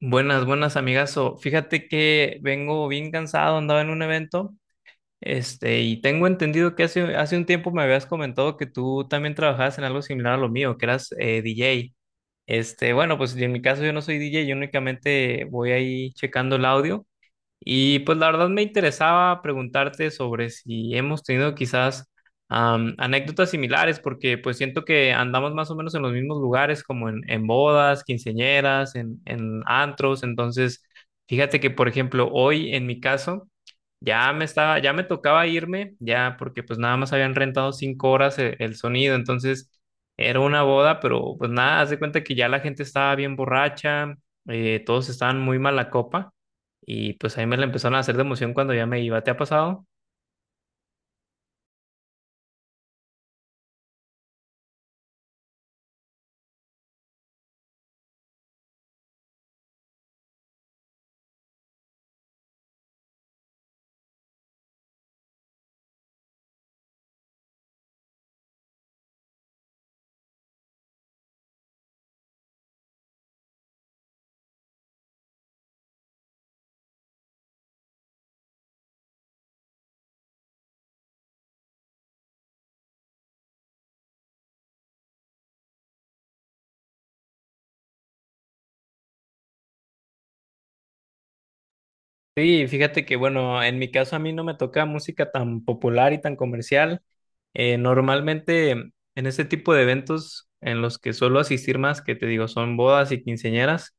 Buenas, buenas, amigazo. Fíjate que vengo bien cansado, andaba en un evento, y tengo entendido que hace un tiempo me habías comentado que tú también trabajabas en algo similar a lo mío, que eras DJ. Bueno, pues en mi caso yo no soy DJ, yo únicamente voy ahí checando el audio, y pues la verdad me interesaba preguntarte sobre si hemos tenido quizás anécdotas similares, porque pues siento que andamos más o menos en los mismos lugares, como en bodas, quinceañeras, en antros. Entonces, fíjate que, por ejemplo, hoy en mi caso, ya me tocaba irme, ya porque pues nada más habían rentado cinco horas el sonido, entonces era una boda, pero pues nada, haz de cuenta que ya la gente estaba bien borracha, todos estaban muy mala copa. Y pues a mí me la empezaron a hacer de emoción cuando ya me iba. ¿Te ha pasado? Sí, fíjate que bueno, en mi caso a mí no me toca música tan popular y tan comercial. Normalmente en este tipo de eventos en los que suelo asistir más, que te digo, son bodas y quinceañeras,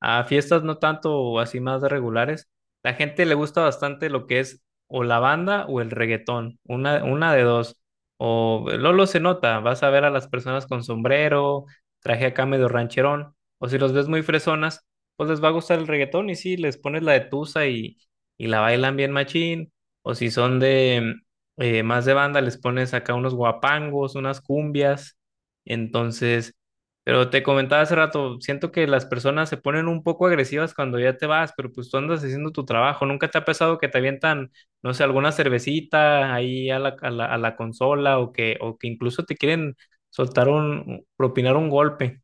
a fiestas no tanto o así más regulares, la gente le gusta bastante lo que es o la banda o el reggaetón, una de dos. O Lolo se nota, vas a ver a las personas con sombrero, traje acá medio rancherón, o si los ves muy fresonas pues les va a gustar el reggaetón y sí, les pones la de Tusa y la bailan bien machín. O si son de más de banda, les pones acá unos guapangos, unas cumbias. Entonces, pero te comentaba hace rato, siento que las personas se ponen un poco agresivas cuando ya te vas, pero pues tú andas haciendo tu trabajo. ¿Nunca te ha pasado que te avientan, no sé, alguna cervecita ahí a a la consola o o que incluso te quieren soltar propinar un golpe?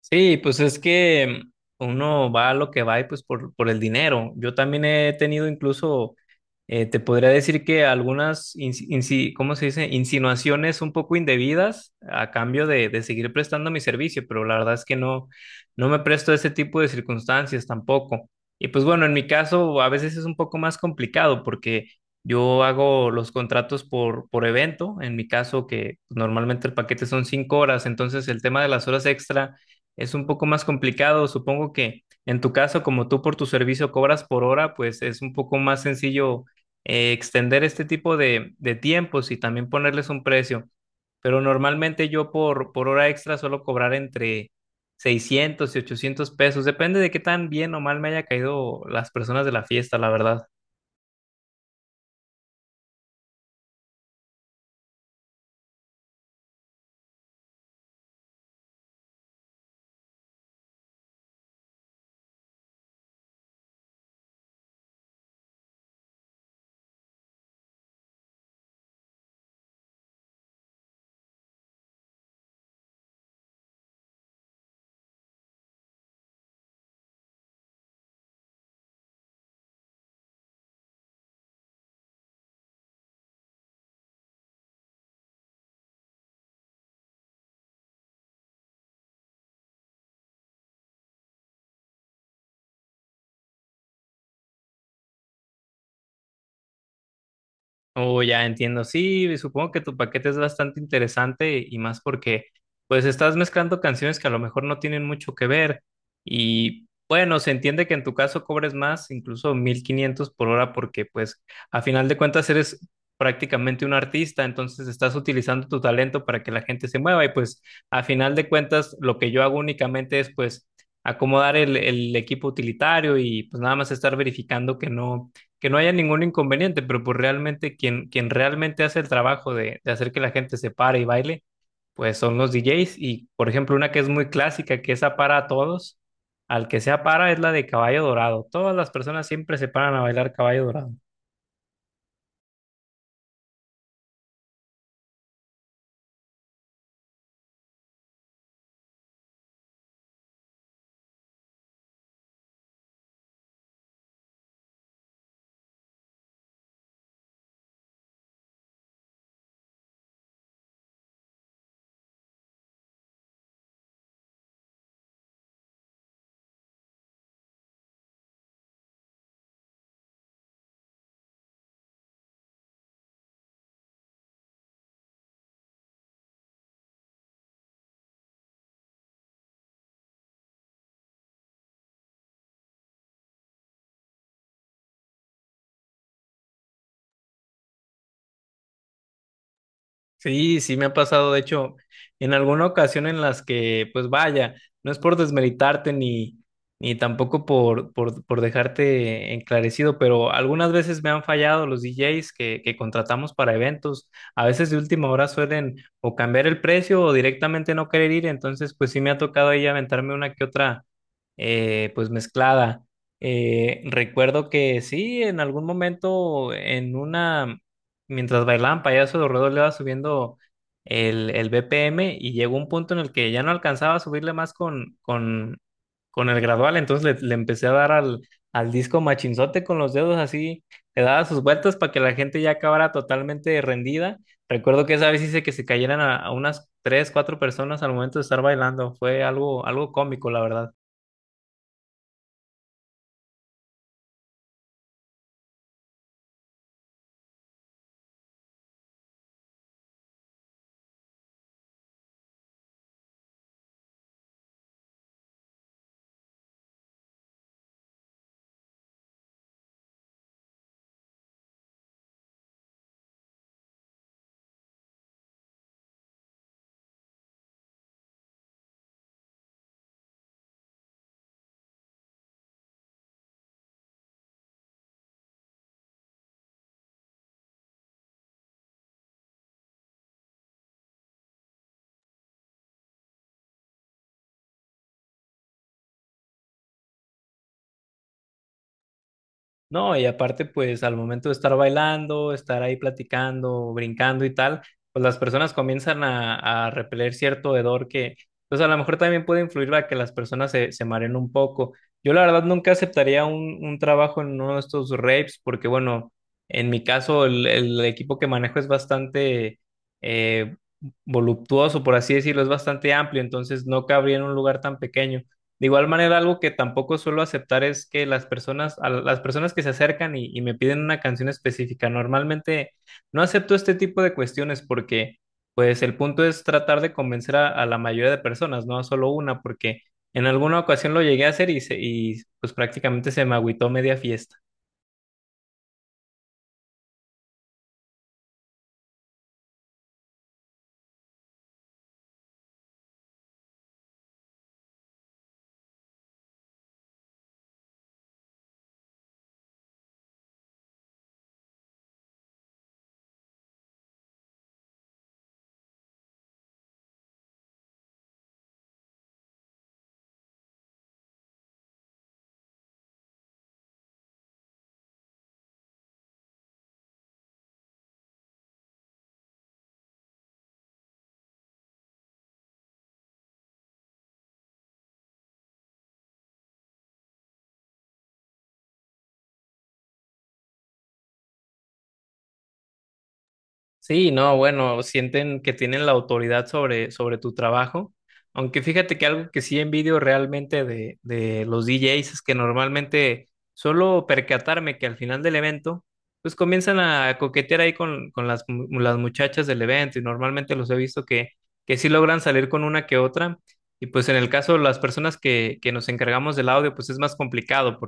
Sí, pues es que uno va a lo que va y pues por el dinero. Yo también he tenido incluso, te podría decir que algunas, ¿cómo se dice? Insinuaciones un poco indebidas a cambio de seguir prestando mi servicio, pero la verdad es que no, no me presto a ese tipo de circunstancias tampoco. Y pues bueno, en mi caso a veces es un poco más complicado porque yo hago los contratos por evento. En mi caso que normalmente el paquete son cinco horas, entonces el tema de las horas extra es un poco más complicado. Supongo que en tu caso, como tú por tu servicio cobras por hora, pues es un poco más sencillo extender este tipo de tiempos y también ponerles un precio. Pero normalmente yo por hora extra suelo cobrar entre 600 y 800 pesos. Depende de qué tan bien o mal me haya caído las personas de la fiesta, la verdad. Oh, ya entiendo. Sí, supongo que tu paquete es bastante interesante y más porque pues estás mezclando canciones que a lo mejor no tienen mucho que ver y bueno, se entiende que en tu caso cobres más, incluso 1500 por hora porque pues a final de cuentas eres prácticamente un artista, entonces estás utilizando tu talento para que la gente se mueva y pues a final de cuentas lo que yo hago únicamente es pues acomodar el equipo utilitario y pues nada más estar verificando que no haya ningún inconveniente, pero pues realmente quien realmente hace el trabajo de hacer que la gente se pare y baile, pues son los DJs. Y por ejemplo, una que es muy clásica, que esa para a todos, al que sea para es la de Caballo Dorado. Todas las personas siempre se paran a bailar Caballo Dorado. Sí, sí me ha pasado, de hecho, en alguna ocasión en las que, pues vaya, no es por desmeritarte ni, ni tampoco por dejarte enclarecido, pero algunas veces me han fallado los DJs que contratamos para eventos. A veces de última hora suelen o cambiar el precio o directamente no querer ir, entonces pues sí me ha tocado ahí aventarme una que otra pues mezclada. Recuerdo que sí, en algún momento en una mientras bailaban payaso, Dorredo le iba subiendo el BPM y llegó un punto en el que ya no alcanzaba a subirle más con el gradual, entonces le empecé a dar al disco machinzote con los dedos así, le daba sus vueltas para que la gente ya acabara totalmente rendida. Recuerdo que esa vez hice que se cayeran a unas tres, cuatro personas al momento de estar bailando, fue algo, algo cómico, la verdad. No, y aparte, pues al momento de estar bailando, estar ahí platicando, brincando y tal, pues las personas comienzan a repeler cierto hedor que, pues a lo mejor también puede influir a que las personas se, se mareen un poco. Yo la verdad nunca aceptaría un trabajo en uno de estos rapes porque, bueno, en mi caso el equipo que manejo es bastante eh, voluptuoso, por así decirlo, es bastante amplio, entonces no cabría en un lugar tan pequeño. De igual manera, algo que tampoco suelo aceptar es que las personas, a las personas que se acercan y me piden una canción específica, normalmente no acepto este tipo de cuestiones porque, pues, el punto es tratar de convencer a la mayoría de personas, no a solo una, porque en alguna ocasión lo llegué a hacer y pues prácticamente se me agüitó media fiesta. Sí, no, bueno, sienten que tienen la autoridad sobre tu trabajo, aunque fíjate que algo que sí envidio realmente de los DJs es que normalmente solo percatarme que al final del evento, pues comienzan a coquetear ahí las muchachas del evento y normalmente los he visto que sí logran salir con una que otra y pues en el caso de las personas que nos encargamos del audio, pues es más complicado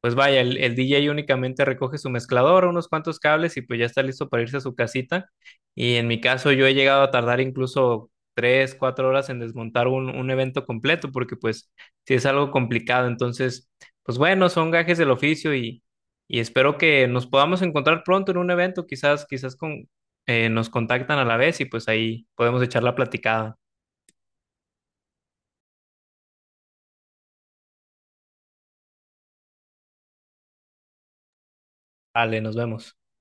pues vaya, el DJ únicamente recoge su mezclador, unos cuantos cables y pues ya está listo para irse a su casita. Y en mi caso yo he llegado a tardar incluso tres, cuatro horas en desmontar un evento completo porque pues sí es algo complicado. Entonces, pues bueno, son gajes del oficio y espero que nos podamos encontrar pronto en un evento. Quizás, nos contactan a la vez y pues ahí podemos echar la platicada. Vale, nos vemos.